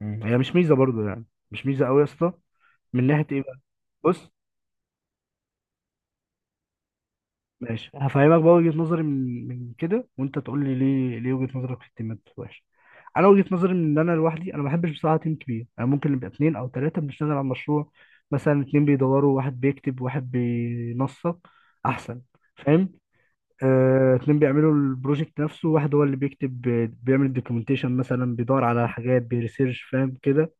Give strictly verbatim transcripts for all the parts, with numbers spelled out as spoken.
مم. هي مش ميزه برضو يعني، مش ميزه قوي يا اسطى. من ناحيه ايه بقى؟ بص. ماشي، هفهمك بقى وجهه نظري من من كده وانت تقول لي ليه ليه وجهه نظرك في التيمات وحشه. انا وجهه نظري من ان انا لوحدي، انا ما بحبش بصراحه تيم كبير. انا ممكن نبقى اتنين او تلاته بنشتغل على المشروع، مثلا اتنين بيدوروا، واحد بيكتب، واحد بينسق، احسن. فاهم؟ آه، اتنين بيعملوا البروجكت نفسه، واحد هو اللي بيكتب، بيعمل الدوكيومنتيشن مثلا، بيدور على حاجات، بيريسيرش. فاهم كده؟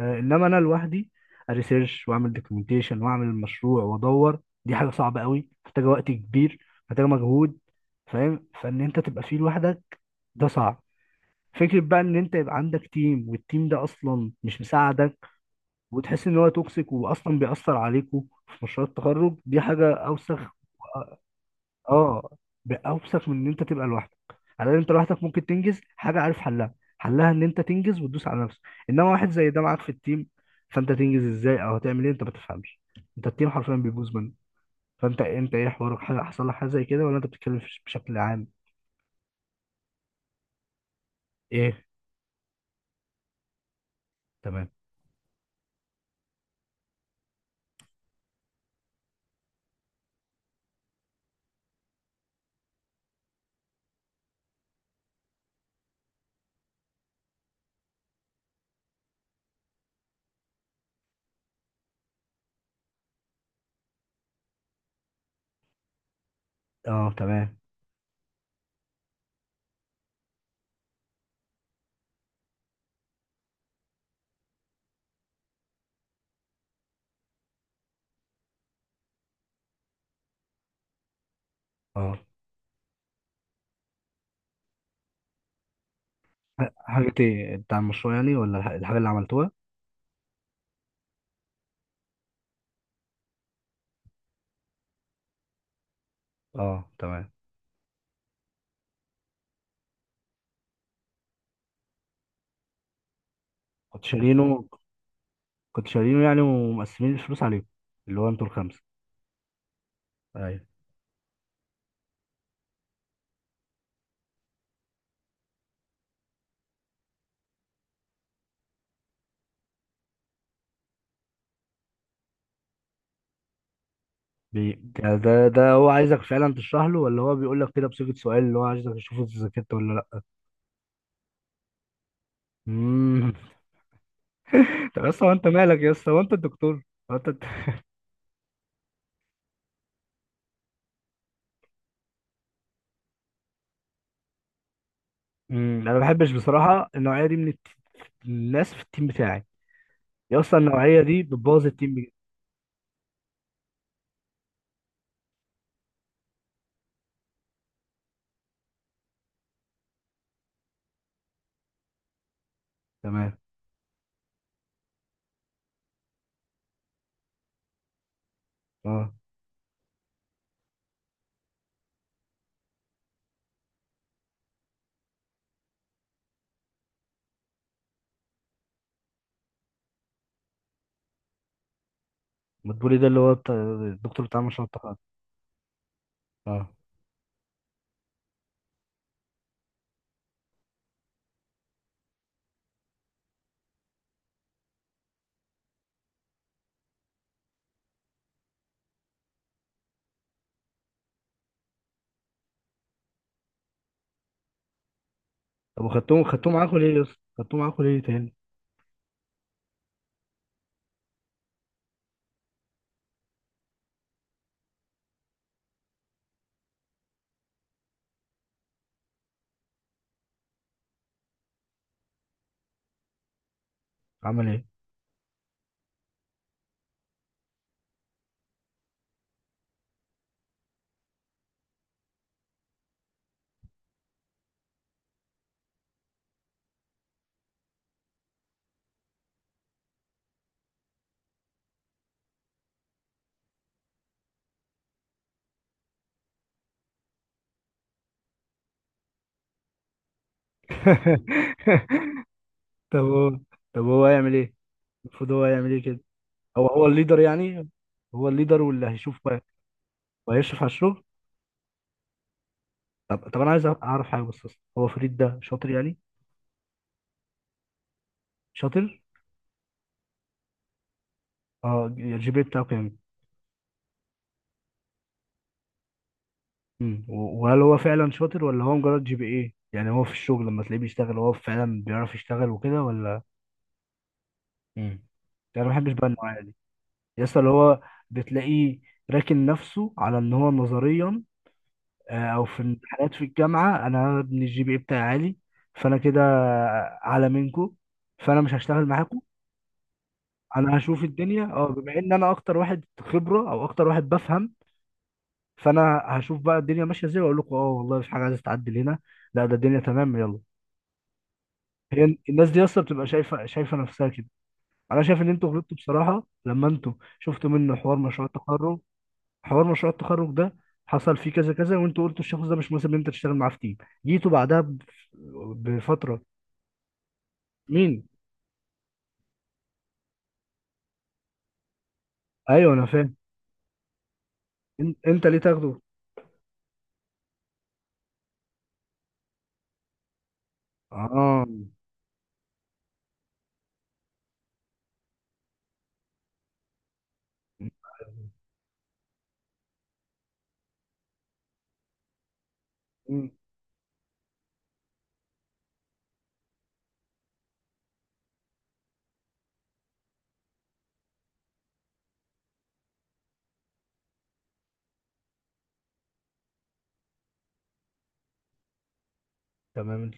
آه، انما انا لوحدي اريسيرش واعمل دوكيومنتيشن واعمل مشروع وادور، دي حاجه صعبه قوي، محتاجه وقت كبير، محتاجه مجهود. فاهم؟ فان انت تبقى فيه لوحدك، ده صعب. فكرة بقى ان انت يبقى عندك تيم، والتيم ده اصلا مش مساعدك وتحس ان هو توكسيك واصلا بيأثر عليكوا في مشروع التخرج، دي حاجة اوسخ. اه، باوسخ من ان انت تبقى لوحدك. على ان انت لوحدك ممكن تنجز حاجه، عارف حلها؟ حلها ان انت تنجز وتدوس على نفسك، انما واحد زي ده معاك في التيم، فانت تنجز ازاي او هتعمل ايه؟ انت ما تفهمش، انت التيم حرفيا بيبوظ منك. فانت، انت ايه حوارك؟ حاجه حصل لك حاجه زي كده ولا انت بتتكلم في- بشكل عام؟ ايه تمام. اه تمام. اه، ح- حاجه ايه، بتاع المشروع يعني ولا الح- الحاجه اللي عملتوها؟ اه تمام. كنت شارينه؟ كنت شارينه يعني ومقسمين الفلوس عليكم، اللي هو انتوا الخمسه؟ ايوه. بي... ده ده ده هو عايزك فعلا تشرح له ولا هو بيقول لك كده بصيغة سؤال اللي هو عايزك تشوف اذا ذاكرت ولا لا؟ امم. طب يا اسطى، هو انت مالك يا اسطى؟ هو انت الدكتور؟ هو انت. امم، انا ما بحبش بصراحة النوعية دي من الت- الناس في التيم بتاعي. يا اسطى النوعية دي بتبوظ التيم بجد. تمام اه. بتقولي ده اللي هو بتاع- الدكتور بتاع مشروع التخرج؟ اه. طب، وخدتوه خدتوه معاكوا ليه يا اسطى؟ خدتوه معاكوا ليه تاني؟ عمل ايه؟ طب هو طب هو هيعمل ايه؟ المفروض هو هيعمل ايه كده؟ هو هو الليدر يعني؟ هو الليدر واللي هيشوف و- وهيشرف على الشغل. طب، طب انا عايز اعرف حاجه بس بس. هو فريد ده شاطر يعني؟ شاطر؟ اه، الجي بي إيه بتاعه كام؟ مم. و- وهل هو فعلا شاطر ولا هو مجرد جي بي ايه؟ يعني هو في الشغل لما تلاقيه بيشتغل، هو فعلا بيعرف يشتغل وكده ولا؟ امم، انا ما بحبش بقى النوعيه دي. يس اللي هو بتلاقيه راكن نفسه على ان هو نظريا آه، او في الامتحانات في الجامعه، انا ابن الجي بي اي بتاعي عالي، فانا كده اعلى منكم، فانا مش هشتغل معاكم. انا هشوف الدنيا، اه، بما ان انا اكتر واحد خبره او اكتر واحد بفهم، فانا هشوف بقى الدنيا ماشيه ازاي واقول لكم اه والله في حاجه عايزه تعدل هنا، لا ده الدنيا تمام يلا. هي الناس دي اصلا بتبقى شايفه شايفه نفسها كده. انا شايف ان انتوا غلطتوا بصراحه لما انتوا شفتوا منه حوار مشروع التخرج. حوار مشروع التخرج ده حصل فيه كذا كذا وانتوا قلتوا الشخص ده مش مناسب ان انت تشتغل معاه في تيم. جيتوا بعدها ب- بفتره. مين؟ ايوه انا فاهم. إن- انت ليه تاخده؟ اه. م- م- تمام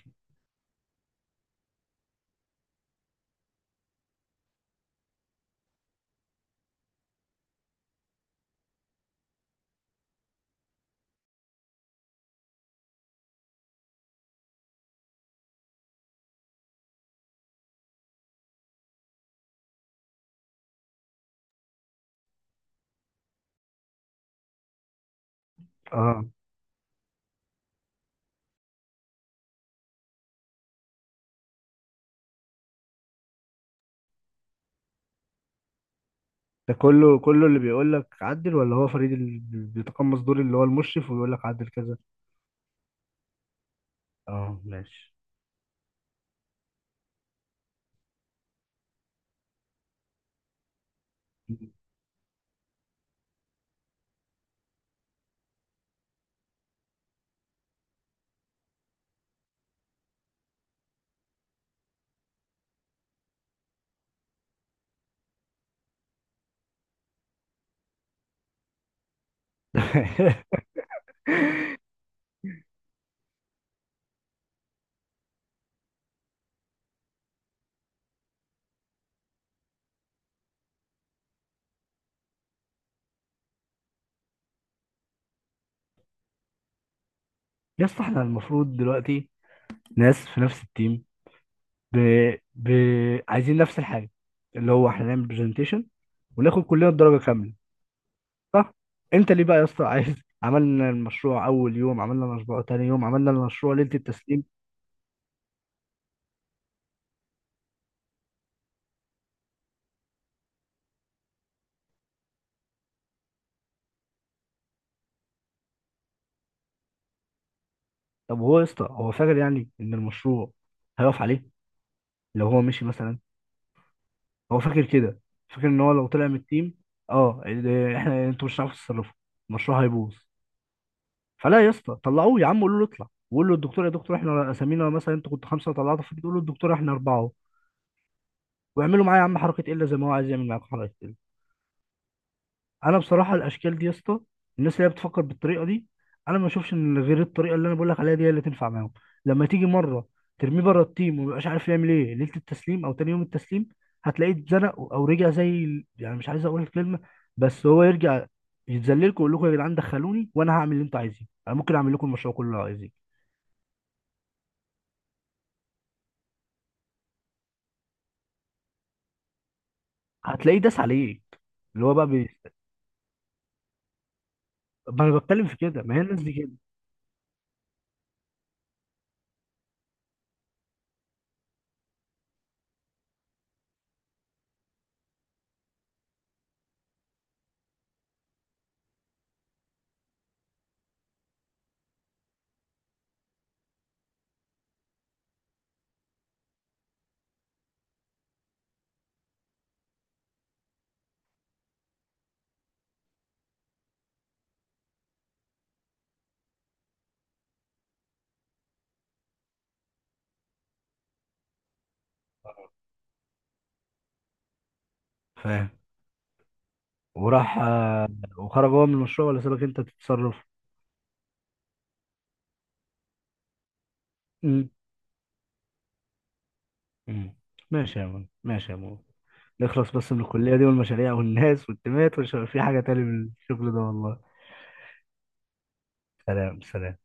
اه. ده كله كله اللي بيقول لك عدل ولا هو فريد اللي بيتقمص دور اللي هو المشرف ويقول لك عدل كذا؟ اه ماشي. يا اسطى، احنا المفروض دلوقتي، ناس في نفس التيم، ب... ب... عايزين نفس الحاجه، اللي هو احنا نعمل برزنتيشن وناخد كلنا الدرجه كامله، صح؟ انت ليه بقى يا اسطى عايز عملنا المشروع اول يوم، عملنا المشروع تاني يوم، عملنا المشروع ليله التسليم؟ طب هو يا اسطى، هو فاكر يعني ان المشروع هيقف عليه لو هو مشي مثلا؟ هو فاكر كده؟ فاكر ان هو لو طلع من التيم، اه إيه، احنا انتوا مش هتعرفوا تتصرفوا، المشروع هيبوظ؟ فلا يا اسطى، طلعوه يا عم، قولوا له اطلع، وقول له الدكتور، يا دكتور احنا اسامينا مثلا، انتوا كنتوا خمسه وطلعتوا في تقول له الدكتور احنا اربعه. واعملوا معايا يا عم حركه الا زي ما هو عايز يعمل معاكم حركه. انا بصراحه الاشكال دي يا اسطى، الناس اللي هي بتفكر بالطريقه دي، انا ما اشوفش ان غير الطريقه اللي انا بقول لك عليها دي هي اللي تنفع معاهم. لما تيجي مره ترميه بره التيم ومبقاش عارف يعمل ايه ليله التسليم او تاني يوم التسليم، هتلاقيه اتزنق او رجع زي ال- يعني مش عايز اقول الكلمه، بس هو يرجع يتذللكم ويقول لكم يا جدعان دخلوني وانا هعمل اللي انتوا عايزينه، انا ممكن اعمل لكم المشروع كله اللي عايزينه. هتلاقيه داس عليك. اللي هو بقى بي... ما انا بتكلم في كده، ما هي الناس دي كده. فاهم؟ وراح آه، وخرج هو من المشروع ولا سابك انت تتصرف؟ مم. ماشي يا مول، ماشي يا مول، نخلص بس من الكلية دي والمشاريع والناس والتيمات ومش هيبقى في حاجة تاني من الشغل ده والله. سلام سلام.